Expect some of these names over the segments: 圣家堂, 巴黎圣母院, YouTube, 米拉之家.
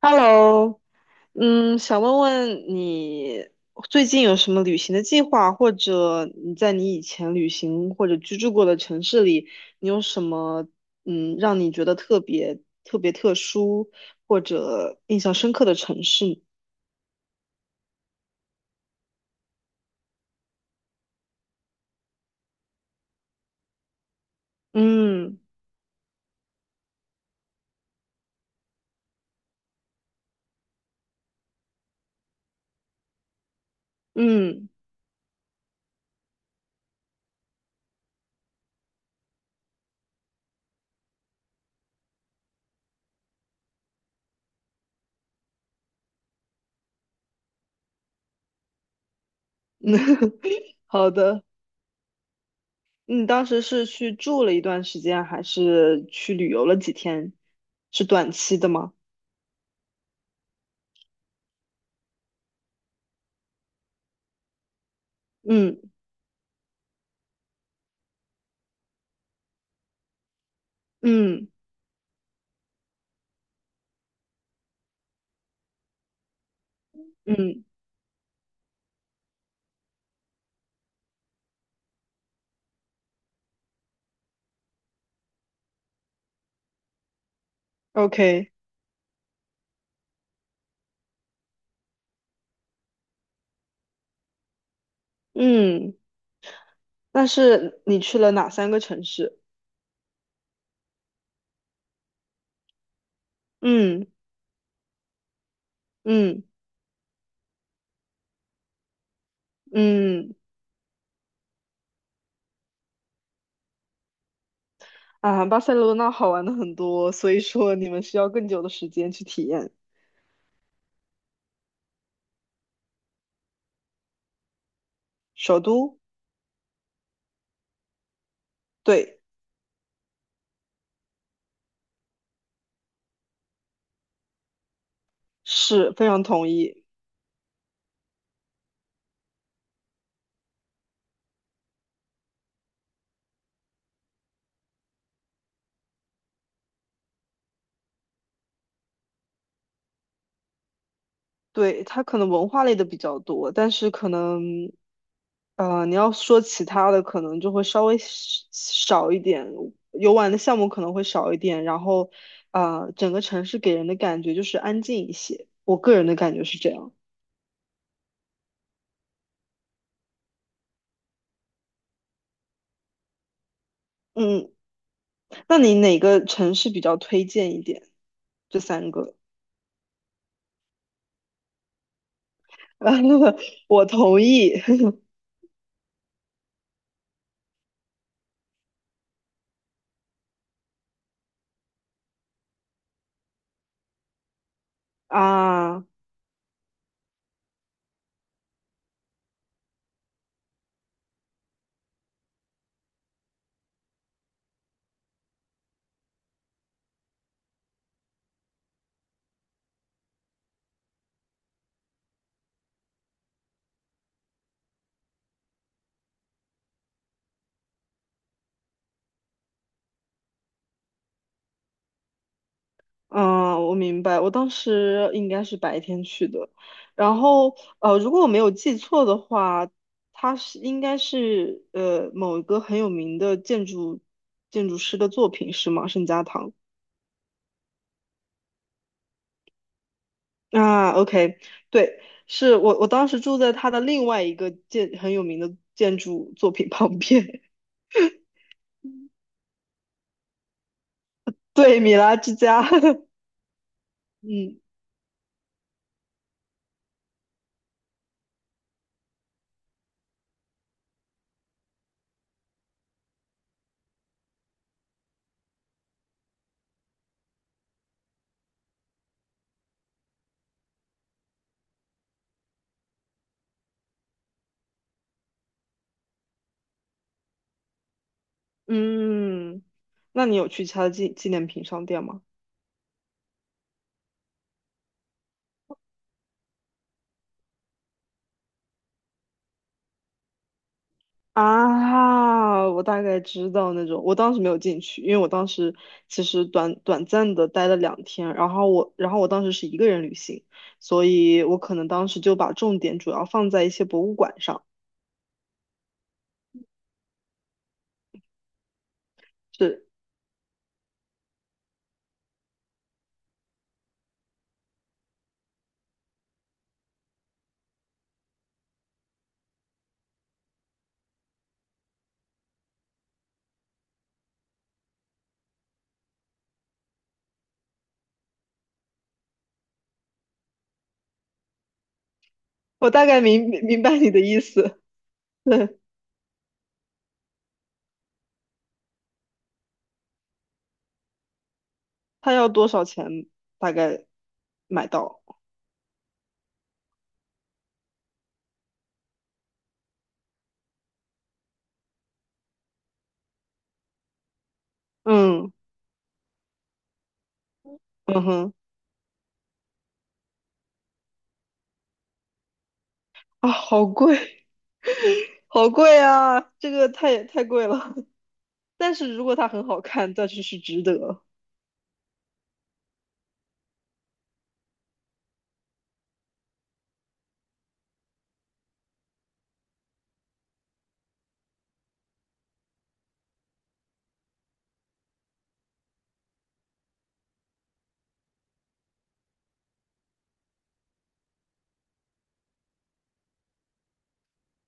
Hello，想问问你最近有什么旅行的计划，或者你在你以前旅行或者居住过的城市里，你有什么让你觉得特别特别特殊或者印象深刻的城市？嗯嗯，好的。你当时是去住了一段时间，还是去旅游了几天？是短期的吗？嗯嗯嗯，OK，嗯。但是你去了哪三个城市？嗯嗯嗯啊，巴塞罗那好玩的很多，所以说你们需要更久的时间去体验。首都，对，是非常同意。对，它可能文化类的比较多，但是可能，你要说其他的，可能就会稍微少少一点，游玩的项目可能会少一点，然后，整个城市给人的感觉就是安静一些，我个人的感觉是这样。嗯。那你哪个城市比较推荐一点？这三个，我同意 啊，嗯，我明白。我当时应该是白天去的，然后如果我没有记错的话，它是应该是某一个很有名的建筑师的作品是吗？圣家堂啊，OK，对，是我当时住在他的另外一个很有名的建筑作品旁边，对，米拉之家，嗯。嗯，那你有去其他的纪念品商店吗？啊，我大概知道那种，我当时没有进去，因为我当时其实短暂的待了两天，然后我当时是一个人旅行，所以我可能当时就把重点主要放在一些博物馆上。是，我大概明白你的意思，对，他要多少钱大概买到？嗯嗯哼，啊，好贵，好贵啊，这个太贵了。但是如果它很好看，那就是值得。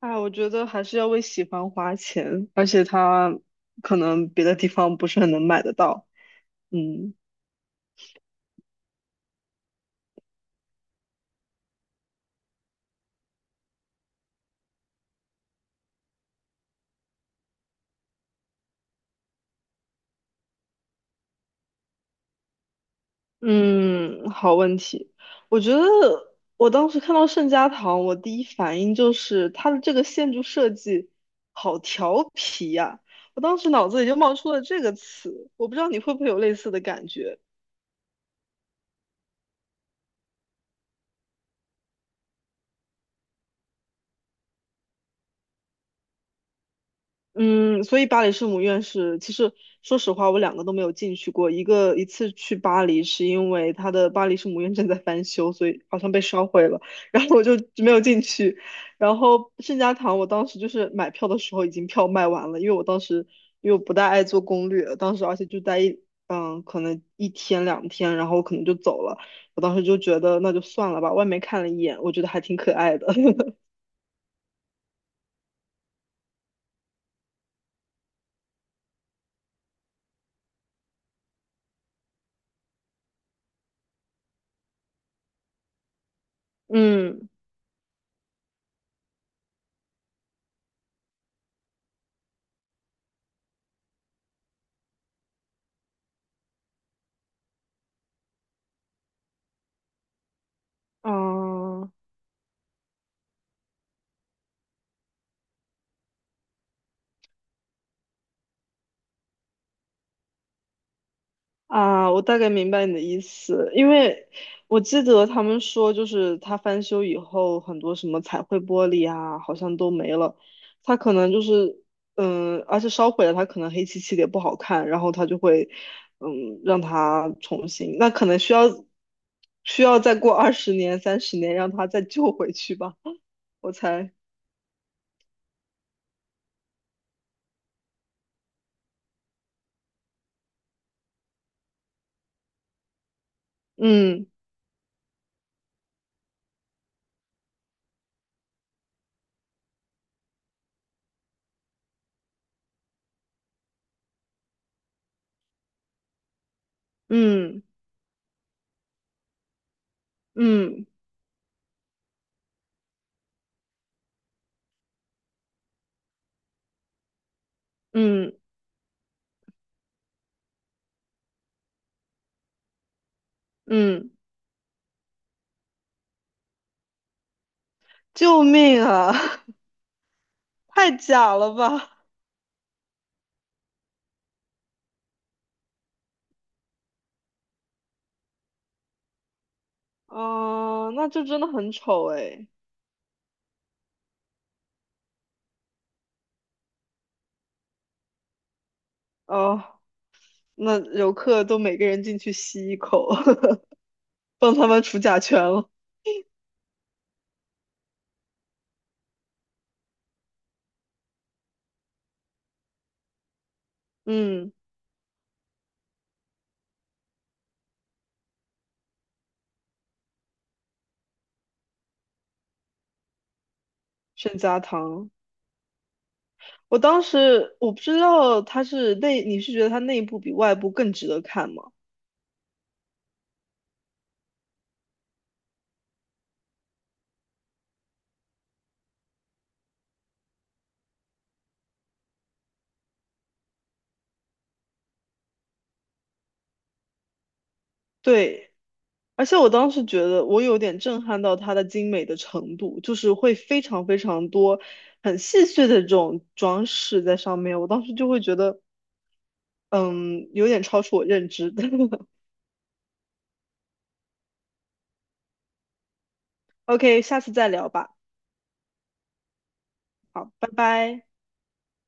哎，我觉得还是要为喜欢花钱，而且它可能别的地方不是很能买得到。嗯嗯，好问题。我觉得我当时看到圣家堂，我第一反应就是它的这个建筑设计好调皮呀、我当时脑子里就冒出了这个词，我不知道你会不会有类似的感觉。嗯，所以巴黎圣母院是，其实说实话，我两个都没有进去过。一次去巴黎是因为它的巴黎圣母院正在翻修，所以好像被烧毁了，然后我就没有进去。然后圣家堂，我当时就是买票的时候已经票卖完了，因为我不大爱做攻略，当时而且就待一可能一天两天，然后我可能就走了。我当时就觉得那就算了吧，外面看了一眼，我觉得还挺可爱的。嗯啊。啊，我大概明白你的意思，因为我记得他们说，就是它翻修以后，很多什么彩绘玻璃啊，好像都没了。它可能就是，而且烧毁了，它可能黑漆漆的也不好看，然后他就会，让它重新，那可能需要再过20年、30年，让它再救回去吧，我猜。嗯嗯嗯嗯嗯，救命啊！太假了吧！哦，那就真的很丑哎。哦，那游客都每个人进去吸一口，帮他们除甲醛了。嗯，圣家堂，我当时我不知道它是内，你是觉得它内部比外部更值得看吗？对，而且我当时觉得我有点震撼到它的精美的程度，就是会非常非常多很细碎的这种装饰在上面，我当时就会觉得，嗯，有点超出我认知的。OK，下次再聊吧。好，拜拜。